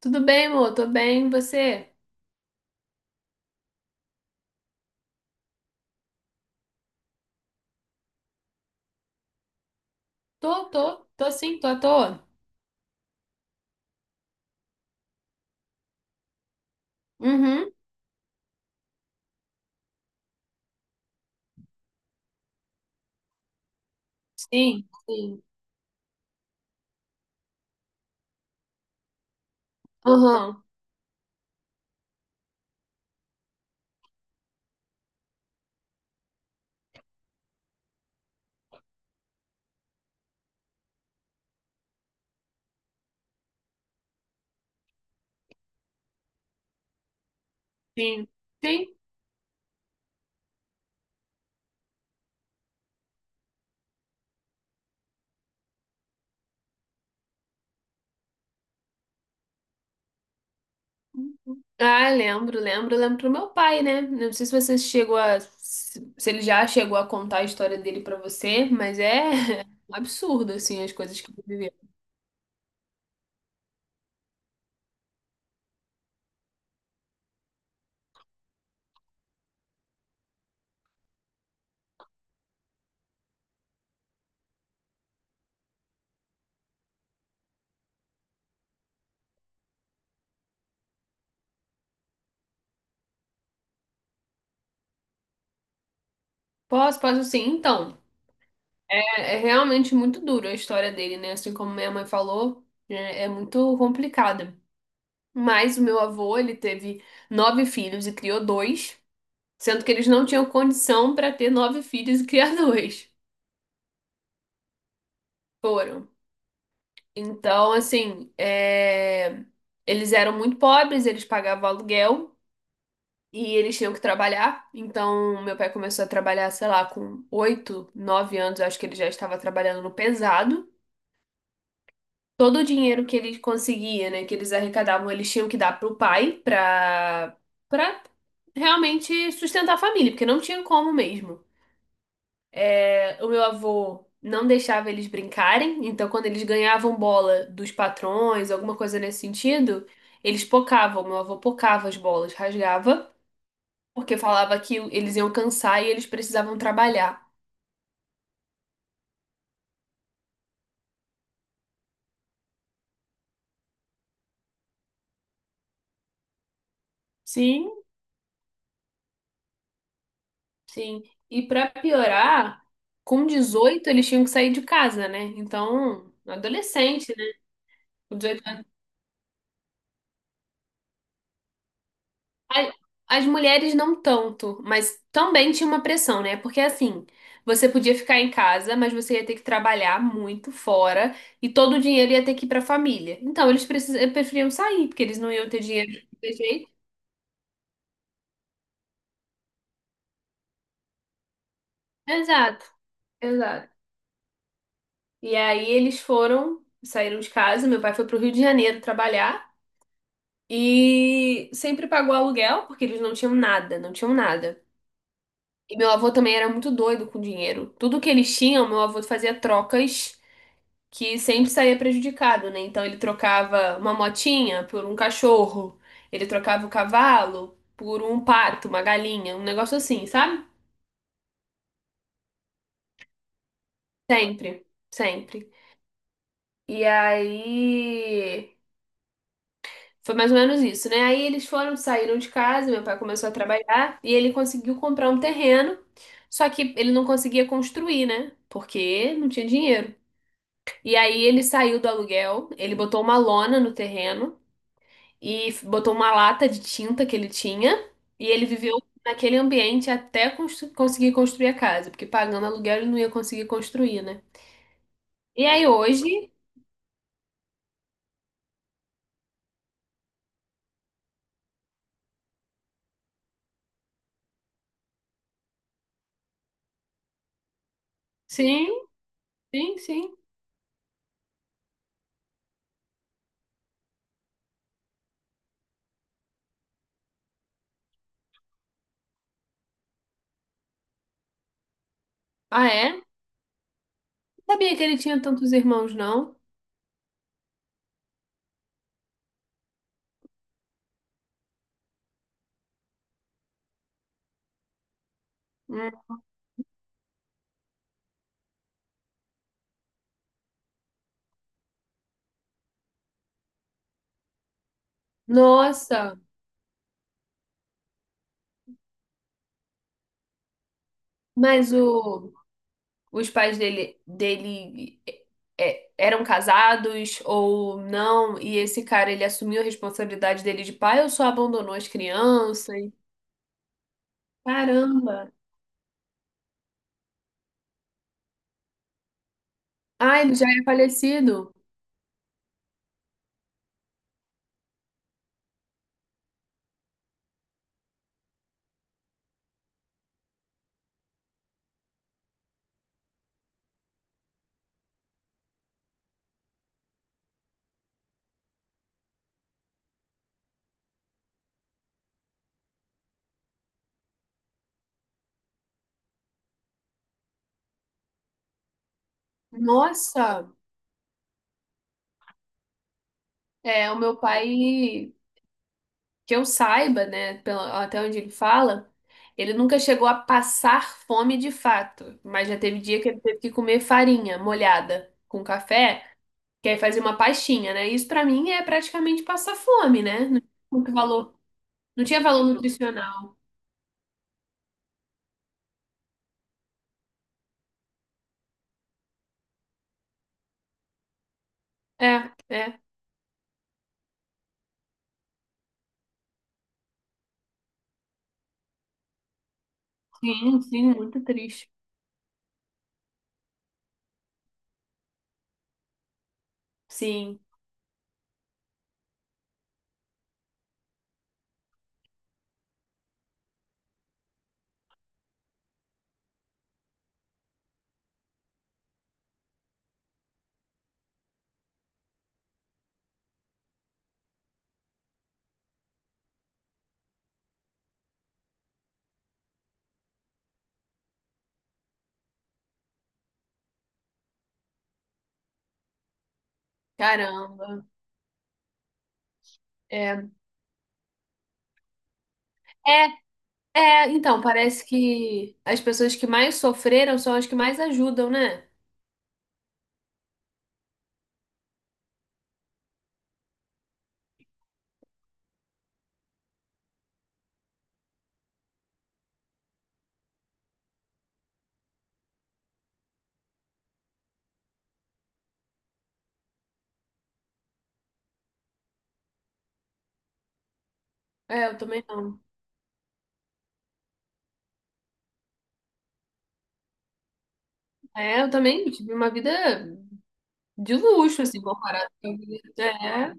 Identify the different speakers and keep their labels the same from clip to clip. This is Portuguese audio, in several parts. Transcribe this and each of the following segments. Speaker 1: Tudo bem, amor? Tô bem, e você? Tô sim, tô à toa. Uhum, sim, sim. Aham, sim, sim. Ah, lembro, lembro, lembro pro meu pai, né? Não sei se você chegou a... Se ele já chegou a contar a história dele pra você, mas é um absurdo, assim, as coisas que ele viveu. Posso, posso sim. Então, é realmente muito duro a história dele, né? Assim como minha mãe falou, é muito complicada. Mas o meu avô, ele teve nove filhos e criou dois. Sendo que eles não tinham condição para ter nove filhos e criar dois. Foram. Então, assim, é, eles eram muito pobres, eles pagavam aluguel e eles tinham que trabalhar. Então, meu pai começou a trabalhar, sei lá, com 8, 9 anos, eu acho que ele já estava trabalhando no pesado. Todo o dinheiro que ele conseguia, né, que eles arrecadavam, eles tinham que dar pro pai para para realmente sustentar a família, porque não tinha como mesmo. O meu avô não deixava eles brincarem, então quando eles ganhavam bola dos patrões, alguma coisa nesse sentido, eles pocavam. Meu avô pocava as bolas, rasgava, porque falava que eles iam cansar e eles precisavam trabalhar. Sim, sim. E pra piorar, com 18 eles tinham que sair de casa, né? Então, adolescente, né? Com 18 A- As mulheres não tanto, mas também tinha uma pressão, né? Porque assim, você podia ficar em casa, mas você ia ter que trabalhar muito fora e todo o dinheiro ia ter que ir para a família. Então, eles preferiam sair, porque eles não iam ter dinheiro de qualquer jeito. Exato, exato. E aí eles foram, saíram de casa, meu pai foi pro Rio de Janeiro trabalhar e sempre pagou aluguel, porque eles não tinham nada, não tinham nada. E meu avô também era muito doido com dinheiro. Tudo que eles tinham, meu avô fazia trocas que sempre saía prejudicado, né? Então ele trocava uma motinha por um cachorro, ele trocava o cavalo por um pato, uma galinha, um negócio assim, sabe? Sempre, sempre. E aí foi mais ou menos isso, né? Aí eles foram, saíram de casa, meu pai começou a trabalhar e ele conseguiu comprar um terreno, só que ele não conseguia construir, né? Porque não tinha dinheiro. E aí ele saiu do aluguel, ele botou uma lona no terreno. E botou uma lata de tinta que ele tinha e ele viveu naquele ambiente até conseguir construir a casa, porque pagando aluguel ele não ia conseguir construir, né? E aí hoje, sim, sim, sim. Ah, é? Não sabia que ele tinha tantos irmãos, não? Hum. Nossa, mas os pais dele, eram casados ou não? E esse cara, ele assumiu a responsabilidade dele de pai ou só abandonou as crianças? Caramba! Ah, ele já é falecido? Nossa, é, o meu pai, que eu saiba, né, até onde ele fala, ele nunca chegou a passar fome de fato, mas já teve dia que ele teve que comer farinha molhada com café, que aí fazia uma pastinha, né? Isso pra mim é praticamente passar fome, né? Não tinha muito valor, não tinha valor nutricional. É, é. Sim, sim, muito triste. Sim, caramba. É. É, É, então, parece que as pessoas que mais sofreram são as que mais ajudam, né? É, eu também não. É, eu também tive uma vida de luxo, assim, comparado com a vida. É,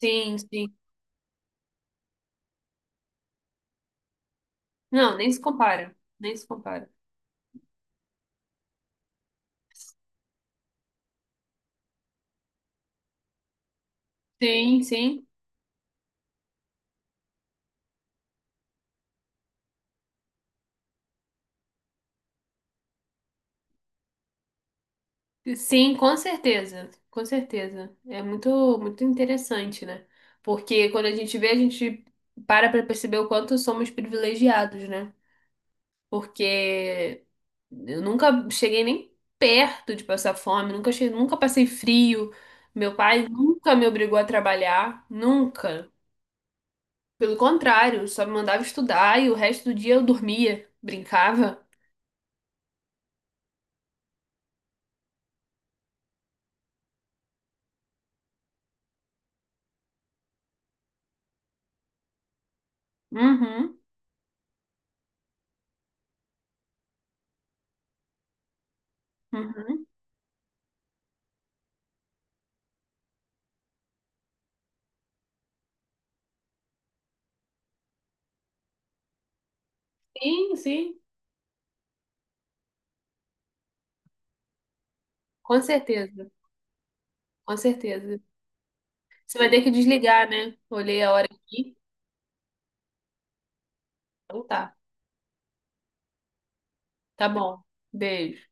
Speaker 1: sim, sim. Não, nem se compara. Nem se compara. Sim, sim. Sim, com certeza. Com certeza. É muito, muito interessante, né? Porque quando a gente vê, a gente para pra perceber o quanto somos privilegiados, né? Porque eu nunca cheguei nem perto de passar fome, nunca cheguei, nunca passei frio. Meu pai nunca me obrigou a trabalhar, nunca. Pelo contrário, só me mandava estudar e o resto do dia eu dormia, brincava. Uhum, uhum. Sim, sim, com certeza, com certeza. Você vai ter que desligar, né? Olhei a hora aqui. Então tá, tá bom. Beijo.